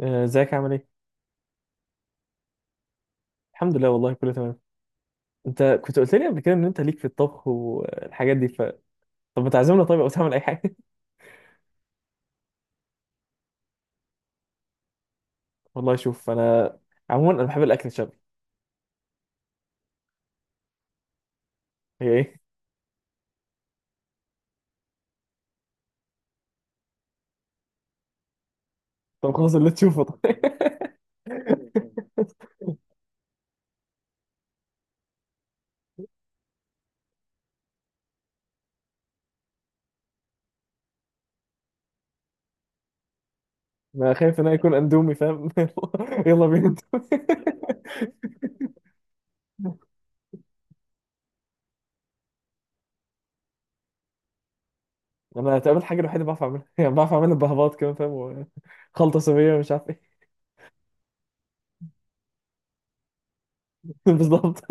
آه، ازيك عامل ايه؟ الحمد لله والله كله تمام. انت كنت قلت لي قبل كده ان انت ليك في الطبخ والحاجات دي طب ما تعزمنا، طيب او تعمل اي حاجه. والله شوف، انا عموما انا بحب الاكل الشعبي. هي ايه؟ طب خلاص اللي تشوفه طيب. انا خايف ان انا يكون اندومي، فاهم. يلا بينا. انا تقابل الحاجه الوحيده بعرف اعملها، يعني بعرف اعملها بهباط كمان فاهم. خلطه صينيه مش عارف ايه. بالظبط.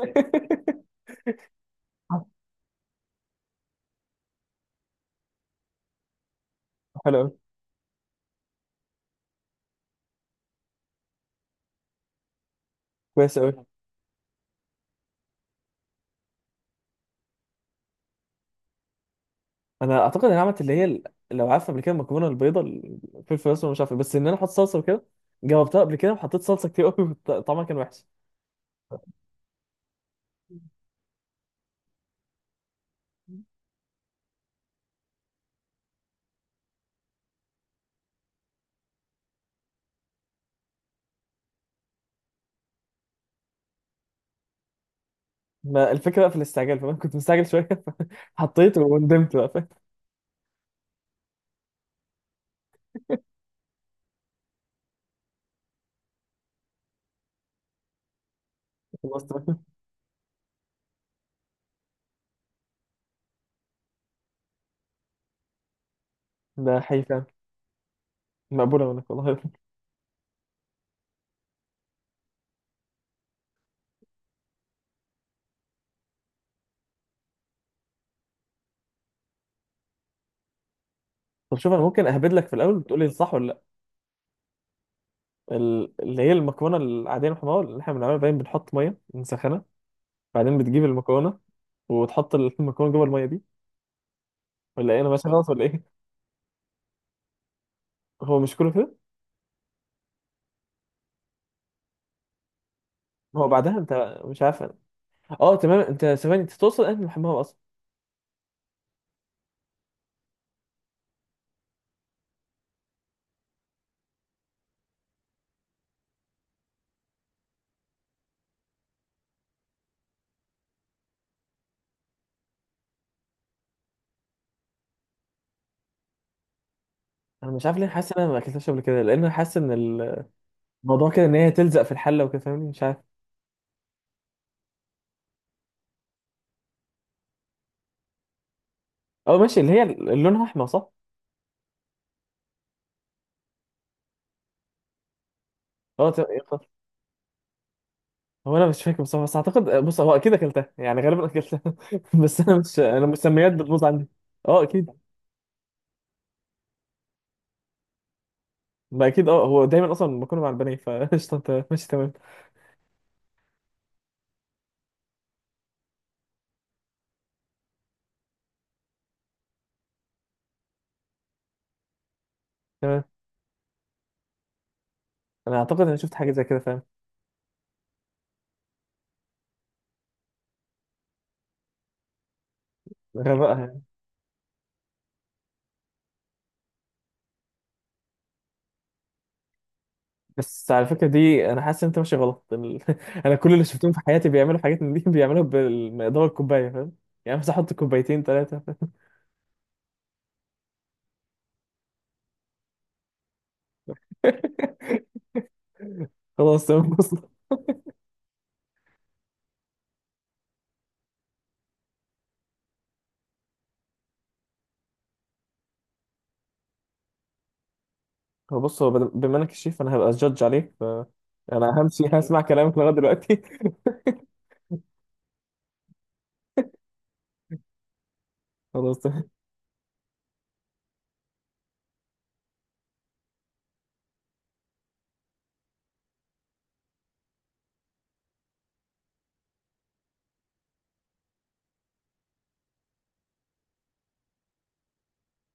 حلو قوي. كويس قوي. انا اعتقد ان عملت اللي هي لو عارفه قبل كده، المكرونه البيضاء، الفلفل الاسود مش عارف إيه، بس ان انا احط صلصه وكده. جاوبتها قبل كده وحطيت صلصه كتير قوي، طعمها كان وحش. ما الفكره بقى في الاستعجال، فانا كنت مستعجل شويه. حطيت وندمت بقى، فاهم. خلصت بقى. ده حقيقي فعلا. مقبوله منك والله. طب شوف، انا ممكن اهبد لك في الاول وتقول لي صح ولا لا. اللي هي المكرونه العاديه المحمره اللي احنا بنعملها، باين بنحط ميه نسخنها، بعدين بتجيب المكرونه وتحط المكرونه جوه الميه دي. ولا ايه، انا ماشي غلط ولا ايه؟ هو مش كله كده. ما هو بعدها، انت مش عارف. اه تمام، انت ثواني، انت توصل، انت محمره اصلا. انا مش عارف ليه حاسس ان انا ما اكلتهاش قبل كده، لان انا حاسس ان الموضوع كده، ان هي تلزق في الحله وكده، فاهمني، مش عارف. اه ماشي، اللي هي اللي لونها احمر، صح؟ اه تمام، ايه خلاص. هو انا مش فاكر بصراحه، بس اعتقد، بص هو اكيد اكلتها، يعني غالبا اكلتها. بس انا مش، انا المسميات بتبوظ عندي. اه اكيد. ما اكيد اه، هو دايما اصلا بكون مع البنات فقشطه، انت ماشي تمام. تمام. انا اعتقد انا شفت حاجه زي كده، فاهم. غرقها يعني. بس على فكرة دي، أنا حاسس إن أنت ماشي غلط. أنا كل اللي شفتهم في حياتي بيعملوا حاجات من دي، بيعملوها بالمقدار الكوباية، فاهم. يعني بس أحط كوبايتين ثلاثة. خلاص تمام بص. هو بص، بما إنك الشيف أنا هبقى جادج عليك، فأنا همشي. هسمع كلامك لغاية دلوقتي. خلاص تمام.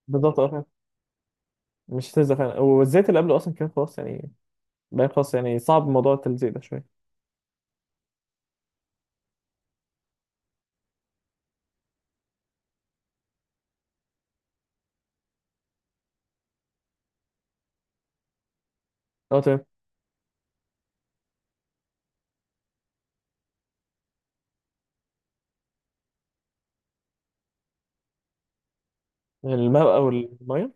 بالظبط، أه فاهم. مش هتلزق فعلا، والزيت اللي قبله أصلا كان خلاص يعني. بقى خلاص، يعني صعب موضوع التلزيق ده شوية. أه تمام. المبقى والمية.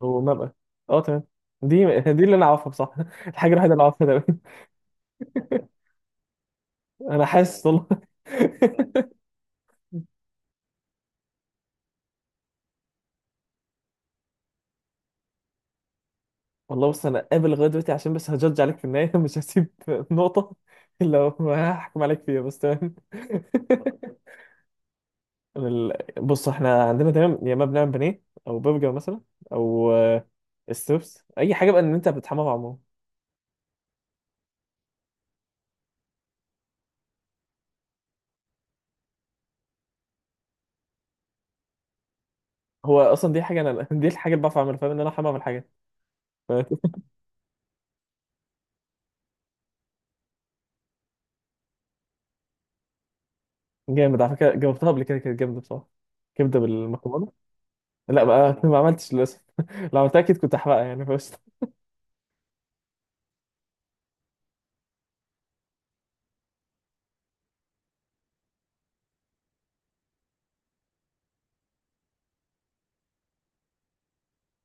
ومبقى. أه تمام. دي اللي أنا أعرفها بصح. الحاجة الوحيدة اللي أعرفها، تمام. أنا حاسس والله. والله بص، انا قابل لغايه دلوقتي عشان بس هجدج عليك في النهايه، مش هسيب نقطه الا لو هحكم عليك فيها، بس تمام. أنا بص احنا عندنا دايما، يا اما بنعمل بانيه او برجر مثلا، او ستوبس، اي حاجه بقى ان انت بتحمى بعمره. هو اصلا دي حاجه انا، دي الحاجه اللي بعرف اعملها، فاهم، ان انا احمى بعمل حاجه. جامد على فكره، جاوبتها قبل كده، كانت جامده بصراحه. كبده بالمكرونه. لا بقى، ما عملتش للاسف، لو عملتها اكيد كنت احرقها يعني بس.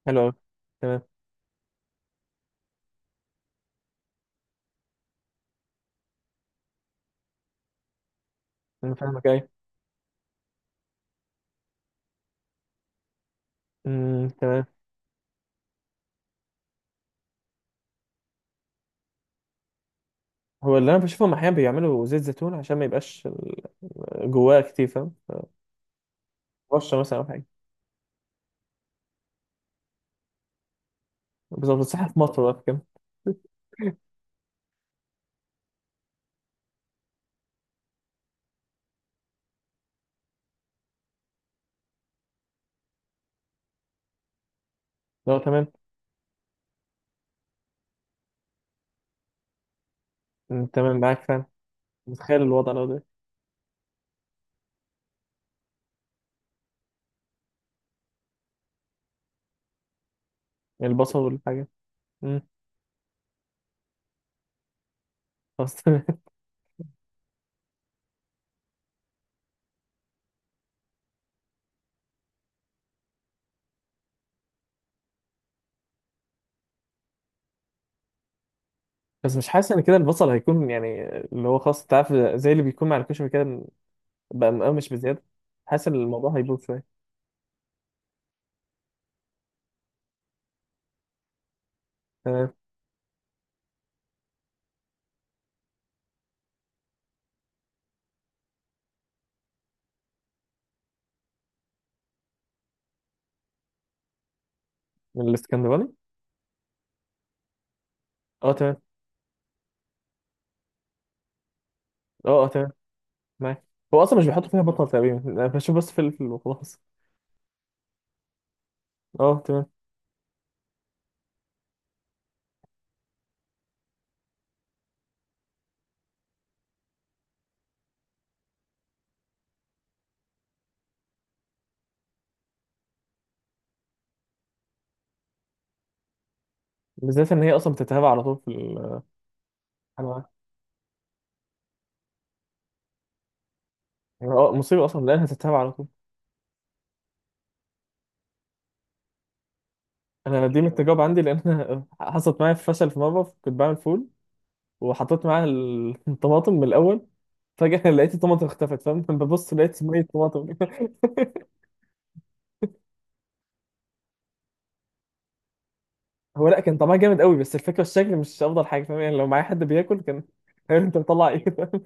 حلو قوي. تمام. انا فاهمك ايه. تمام. هو اللي انا بشوفهم احيانا بيعملوا زيت زيتون عشان ما يبقاش جواه كتير، فاهم. رشه مثلا او حاجه. بالظبط، الصحة في مصر بقى في كده. لو تمام. تمام، معاك فاهم. متخيل الوضع لو ده. يعني البصل والحاجه. امم. خلاص تمام. بس مش حاسس ان كده البصل هيكون، يعني اللي هو خاص، انت عارف زي اللي بيكون مع الكشري كده، بقى مقرمش بزياده. حاسس ان الموضوع هيبوظ شويه. تمام. من الاسكندراني. اه تمام. اه اه، تمام معاك. هو اصلا مش بيحطوا فيها بطل تقريبا، انا بشوف بس فلفل وخلاص. اه تمام. بالذات ان هي اصلا بتتهاب على طول في ال- اه مصيبة أصلا لأنها تتهاب على طول. أنا دي من التجارب عندي، لأن أنا حصلت معايا فشل في مرة كنت بعمل فول وحطيت معاها الطماطم من الأول. فجأة لقيت الطماطم اختفت، فاهم. ببص لقيت مية طماطم. هو لأ كان طعمها جامد قوي، بس الفكرة الشكل مش أفضل حاجة، فاهم. يعني لو معايا حد بياكل كان هيقول أنت بتطلع إيه، فاهم.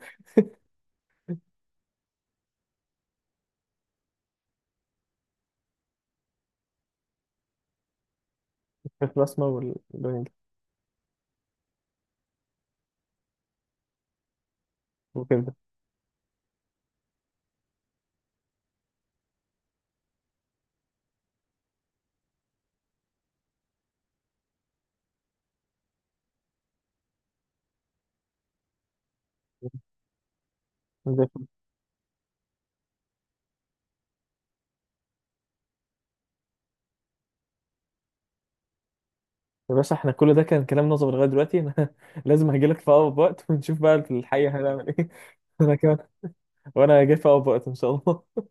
البسمة والبنج وكده. يا باشا، احنا كل ده كان كلام نظري لغاية دلوقتي، أنا لازم هجيلك في أقرب وقت ونشوف بقى في الحقيقة هنعمل إيه. أنا كمان. وأنا جاي في أقرب وقت إن شاء الله.